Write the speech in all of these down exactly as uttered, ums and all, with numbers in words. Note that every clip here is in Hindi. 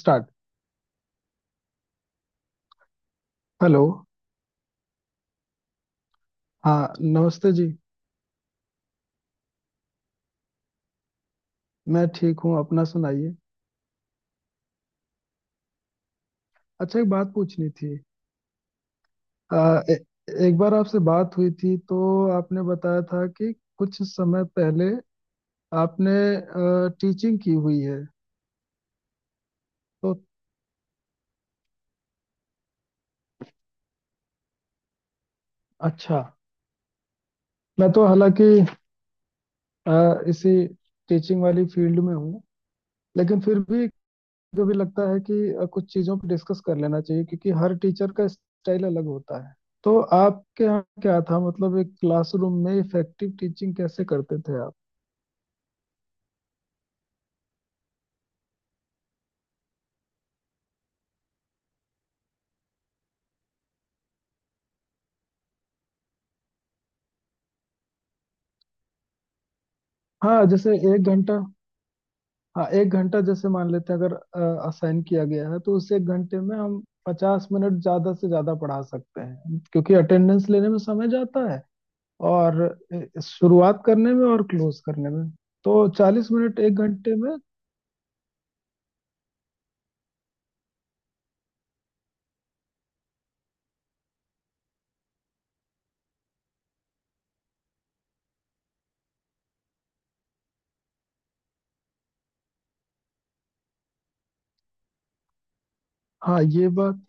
स्टार्ट। हेलो। हाँ, नमस्ते जी। मैं ठीक हूँ, अपना सुनाइए। अच्छा, एक बात पूछनी थी। आ, ए, एक बार आपसे बात हुई थी तो आपने बताया था कि कुछ समय पहले आपने टीचिंग की हुई है। तो अच्छा, मैं तो हालांकि आ, इसी टीचिंग वाली फील्ड में हूँ, लेकिन फिर भी मुझे भी लगता है कि अ, कुछ चीज़ों पर डिस्कस कर लेना चाहिए, क्योंकि हर टीचर का स्टाइल अलग होता है। तो आपके यहाँ क्या था, मतलब एक क्लासरूम में इफेक्टिव टीचिंग कैसे करते थे आप? हाँ, जैसे एक घंटा। हाँ, एक घंटा जैसे मान लेते हैं, अगर असाइन किया गया है तो उस एक घंटे में हम पचास मिनट ज़्यादा से ज़्यादा पढ़ा सकते हैं, क्योंकि अटेंडेंस लेने में समय जाता है और अ, शुरुआत करने में और क्लोज करने में। तो चालीस मिनट एक घंटे में। हाँ ये बात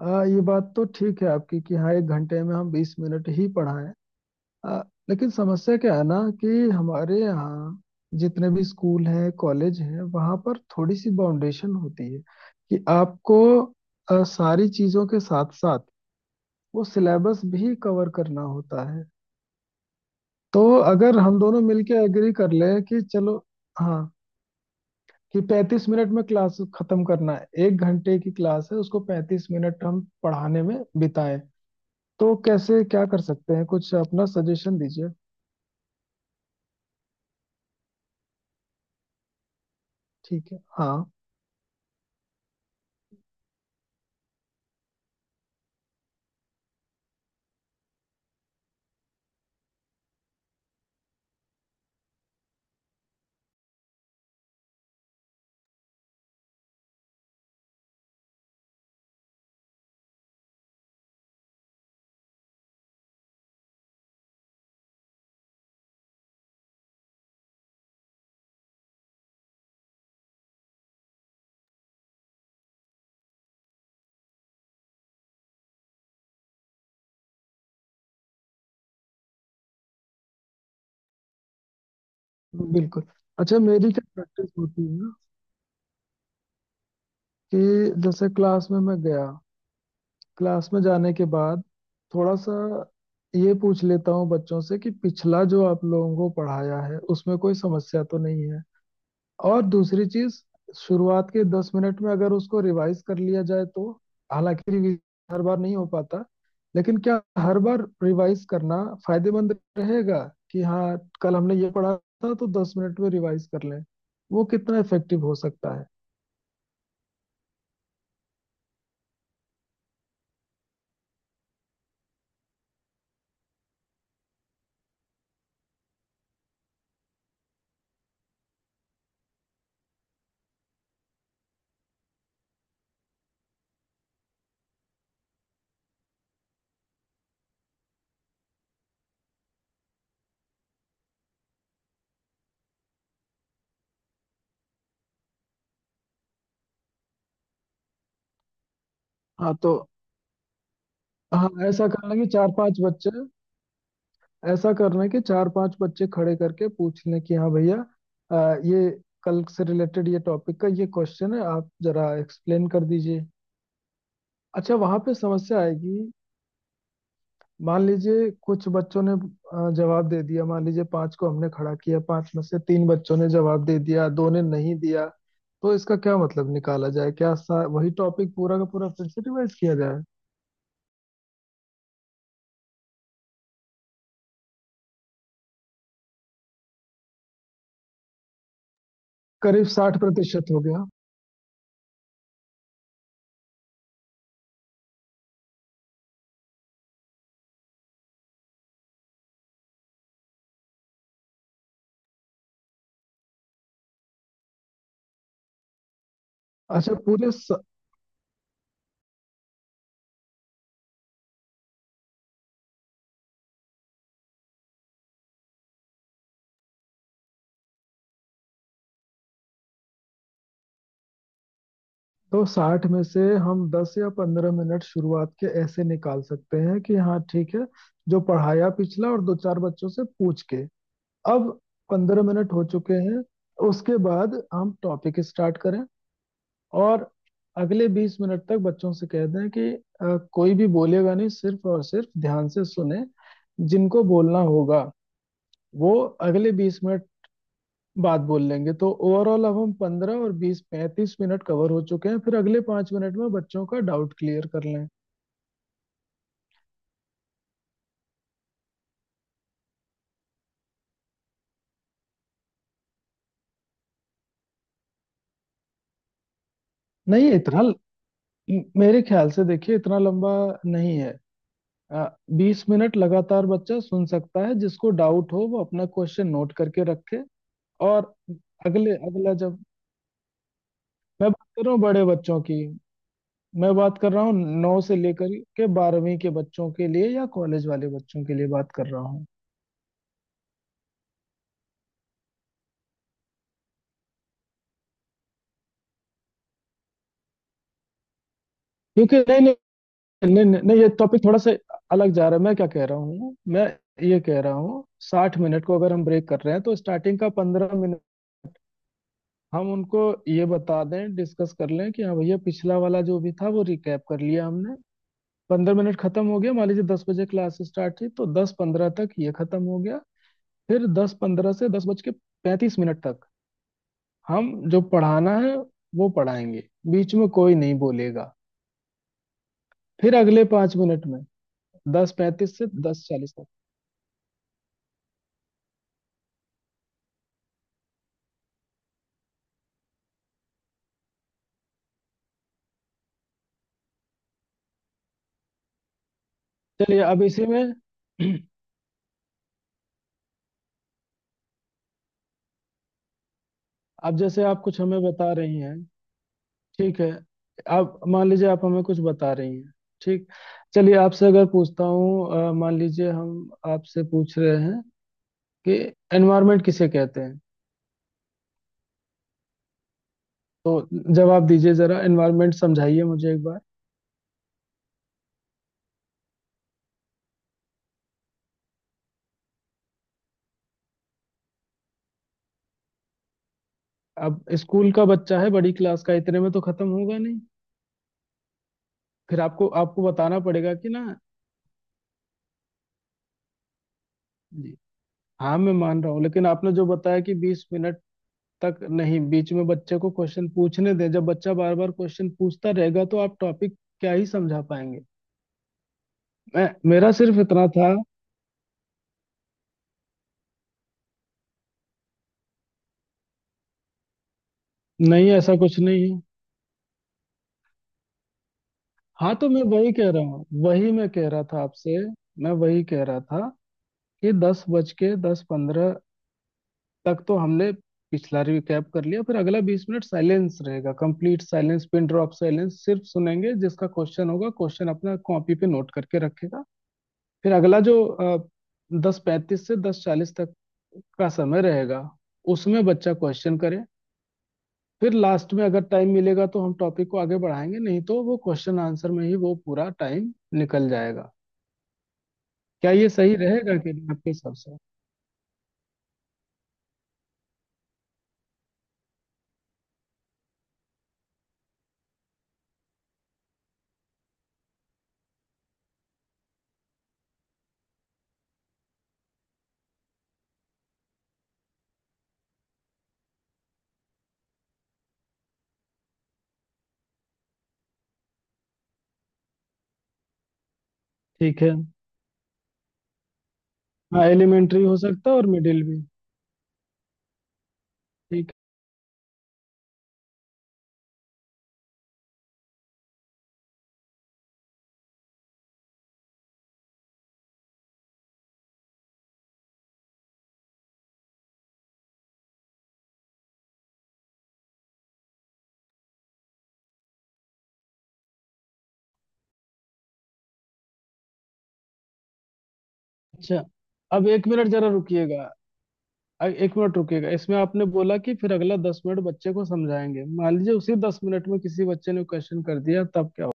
आ, ये बात तो ठीक है आपकी कि हाँ, एक घंटे में हम बीस मिनट ही पढ़ाएं। आ, लेकिन समस्या क्या है ना कि हमारे यहाँ जितने भी स्कूल हैं, कॉलेज हैं, वहाँ पर थोड़ी सी बाउंडेशन होती है कि आपको आ, सारी चीजों के साथ साथ वो सिलेबस भी कवर करना होता है। तो अगर हम दोनों मिलके एग्री कर ले कि चलो, हाँ, कि पैंतीस मिनट में क्लास खत्म करना है, एक घंटे की क्लास है, उसको पैंतीस मिनट हम पढ़ाने में बिताएं, तो कैसे क्या कर सकते हैं, कुछ अपना सजेशन दीजिए। ठीक है, हाँ। बिल्कुल। अच्छा, मेरी क्या प्रैक्टिस होती है ना, कि जैसे क्लास में मैं गया, क्लास में जाने के बाद थोड़ा सा ये पूछ लेता हूँ बच्चों से कि पिछला जो आप लोगों को पढ़ाया है उसमें कोई समस्या तो नहीं है। और दूसरी चीज, शुरुआत के दस मिनट में अगर उसको रिवाइज कर लिया जाए, तो हालांकि रिवीज हर बार नहीं हो पाता, लेकिन क्या हर बार रिवाइज करना फायदेमंद रहेगा कि हाँ, कल हमने ये पढ़ा था तो दस मिनट में रिवाइज कर लें, वो कितना इफेक्टिव हो सकता है? हाँ, तो हाँ, ऐसा करना कि चार पांच बच्चे ऐसा करना कि चार पांच बच्चे खड़े करके पूछ लें कि हाँ भैया, अ, ये कल से रिलेटेड ये टॉपिक का ये क्वेश्चन है, आप जरा एक्सप्लेन कर दीजिए। अच्छा, वहां पे समस्या आएगी। मान लीजिए कुछ बच्चों ने अ, जवाब दे दिया, मान लीजिए पांच को हमने खड़ा किया, पांच में से तीन बच्चों ने जवाब दे दिया, दो ने नहीं दिया, तो इसका क्या मतलब निकाला जाए, क्या सा, वही टॉपिक पूरा का पूरा फिर से रिवाइज किया जाए? करीब साठ प्रतिशत हो गया। अच्छा पूरे स, तो साठ में से हम दस या पंद्रह मिनट शुरुआत के ऐसे निकाल सकते हैं कि हाँ ठीक है, जो पढ़ाया पिछला, और दो चार बच्चों से पूछ के अब पंद्रह मिनट हो चुके हैं। उसके बाद हम टॉपिक स्टार्ट करें और अगले बीस मिनट तक बच्चों से कह दें कि अ, कोई भी बोलेगा नहीं, सिर्फ और सिर्फ ध्यान से सुने, जिनको बोलना होगा वो अगले बीस मिनट बाद बोल लेंगे। तो ओवरऑल अब हम पंद्रह और बीस, पैंतीस मिनट कवर हो चुके हैं, फिर अगले पांच मिनट में बच्चों का डाउट क्लियर कर लें। नहीं, इतना मेरे ख्याल से, देखिए, इतना लंबा नहीं है। बीस मिनट लगातार बच्चा सुन सकता है, जिसको डाउट हो वो अपना क्वेश्चन नोट करके रखे। और अगले अगला जब मैं बात कर रहा हूँ बड़े बच्चों की, मैं बात कर रहा हूँ नौ से लेकर के बारहवीं के बच्चों के लिए या कॉलेज वाले बच्चों के लिए बात कर रहा हूँ। क्योंकि नहीं, नहीं, नहीं, नहीं, नहीं, ये टॉपिक थोड़ा सा अलग जा रहा है। मैं क्या कह रहा हूँ, मैं ये कह रहा हूँ, साठ मिनट को अगर हम ब्रेक कर रहे हैं तो स्टार्टिंग का पंद्रह मिनट हम उनको ये बता दें, डिस्कस कर लें कि हाँ भैया, पिछला वाला जो भी था वो रिकैप कर लिया हमने, पंद्रह मिनट खत्म हो गया। मान लीजिए दस बजे क्लास स्टार्ट थी तो दस पंद्रह तक ये खत्म हो गया। फिर दस पंद्रह से दस बज के पैंतीस मिनट तक हम जो पढ़ाना है वो पढ़ाएंगे, बीच में कोई नहीं बोलेगा। फिर अगले पाँच मिनट में, दस पैंतीस से दस चालीस तक। चलिए अब इसी में। अब जैसे आप कुछ हमें बता रही हैं, ठीक है, आप मान लीजिए, आप हमें कुछ बता रही हैं, ठीक। चलिए आपसे अगर पूछता हूँ, अ, मान लीजिए हम आपसे पूछ रहे हैं कि एनवायरनमेंट किसे कहते हैं? तो जवाब दीजिए, जरा एनवायरनमेंट समझाइए मुझे एक बार। अब स्कूल का बच्चा है बड़ी क्लास का, इतने में तो खत्म होगा नहीं। फिर आपको आपको बताना पड़ेगा कि ना। जी। हाँ, मैं मान रहा हूँ, लेकिन आपने जो बताया कि बीस मिनट तक नहीं, बीच में बच्चे को क्वेश्चन पूछने दें, जब बच्चा बार बार क्वेश्चन पूछता रहेगा तो आप टॉपिक क्या ही समझा पाएंगे? मैं मेरा सिर्फ इतना था। नहीं, ऐसा कुछ नहीं है। हाँ, तो मैं वही कह रहा हूँ, वही मैं कह रहा था आपसे मैं वही कह रहा था कि दस बज के दस पंद्रह तक तो हमने पिछला रिकैप कर लिया, फिर अगला बीस मिनट साइलेंस रहेगा, complete silence, pin drop silence, सिर्फ सुनेंगे, जिसका क्वेश्चन होगा, क्वेश्चन अपना कॉपी पे नोट करके रखेगा। फिर अगला जो दस पैंतीस से दस चालीस तक का समय रहेगा, उसमें बच्चा क्वेश्चन करे, फिर लास्ट में अगर टाइम मिलेगा तो हम टॉपिक को आगे बढ़ाएंगे, नहीं तो वो क्वेश्चन आंसर में ही वो पूरा टाइम निकल जाएगा। क्या ये सही रहेगा कि नहीं, आपके हिसाब से? ठीक है। हाँ, एलिमेंट्री हो सकता है और मिडिल भी। ठीक है। अच्छा। अब एक मिनट जरा रुकिएगा, अ- एक मिनट रुकिएगा। इसमें आपने बोला कि फिर अगला दस मिनट बच्चे को समझाएंगे, मान लीजिए उसी दस मिनट में किसी बच्चे ने क्वेश्चन कर दिया तब क्या हो?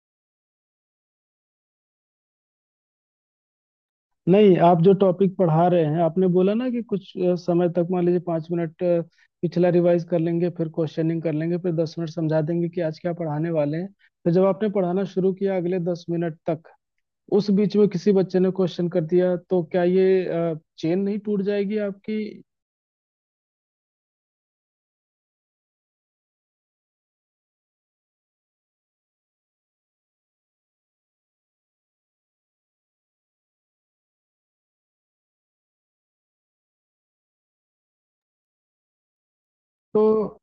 नहीं, आप जो टॉपिक पढ़ा रहे हैं, आपने बोला ना कि कुछ अ, समय तक, मान लीजिए पाँच मिनट अ, पिछला रिवाइज कर लेंगे, फिर क्वेश्चनिंग कर लेंगे, फिर दस मिनट समझा देंगे कि आज क्या पढ़ाने वाले हैं। तो जब आपने पढ़ाना शुरू किया अगले दस मिनट तक, उस बीच में किसी बच्चे ने क्वेश्चन कर दिया तो क्या ये चेन नहीं टूट जाएगी आपकी? तो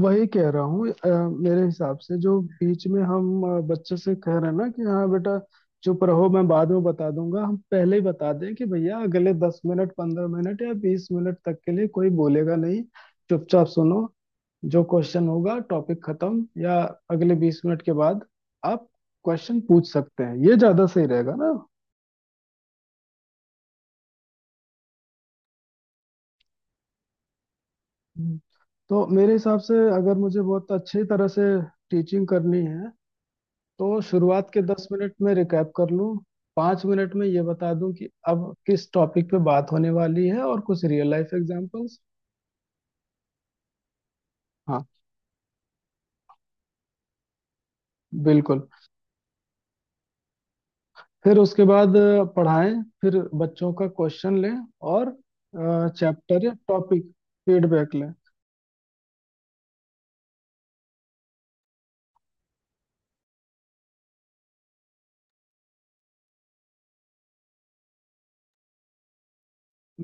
वही कह रहा हूँ अ, मेरे हिसाब से, जो बीच में हम अ, बच्चे से कह रहे हैं ना कि हाँ बेटा, चुप रहो, मैं बाद में बता दूंगा, हम पहले ही बता दें कि भैया अगले दस मिनट, पंद्रह मिनट या बीस मिनट तक के लिए कोई बोलेगा नहीं, चुपचाप सुनो, जो क्वेश्चन होगा टॉपिक खत्म या अगले बीस मिनट के बाद आप क्वेश्चन पूछ सकते हैं, ये ज्यादा सही रहेगा ना? हम्म। तो मेरे हिसाब से अगर मुझे बहुत अच्छी तरह से टीचिंग करनी है तो शुरुआत के दस मिनट में रिकैप कर लूँ, पाँच मिनट में ये बता दूं कि अब किस टॉपिक पे बात होने वाली है और कुछ रियल लाइफ एग्जांपल्स। हाँ, बिल्कुल। फिर उसके बाद अ, पढ़ाएं, फिर बच्चों का क्वेश्चन लें और चैप्टर या टॉपिक फीडबैक लें।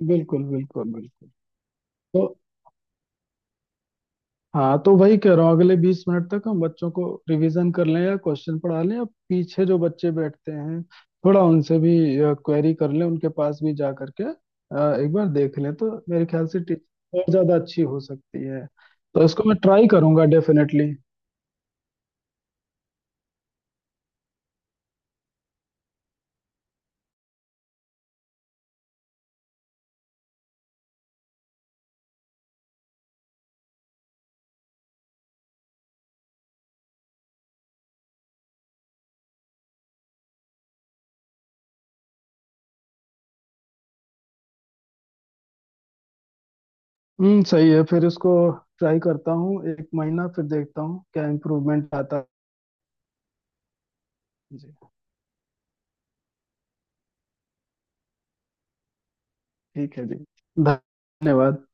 बिल्कुल, बिल्कुल, बिल्कुल। तो, हाँ, तो वही कह रहा हूँ, अगले बीस मिनट तक हम बच्चों को रिवीजन कर लें या क्वेश्चन पढ़ा लें या पीछे जो बच्चे बैठते हैं, थोड़ा उनसे भी क्वेरी कर लें, उनके पास भी जा करके अ, एक बार देख लें, तो मेरे ख्याल से टीचिंग और ज्यादा अच्छी हो सकती है। तो इसको मैं ट्राई करूंगा डेफिनेटली। हम्म, सही है। फिर इसको ट्राई करता हूँ एक महीना, फिर देखता हूँ क्या इम्प्रूवमेंट आता है। जी। ठीक है जी, धन्यवाद।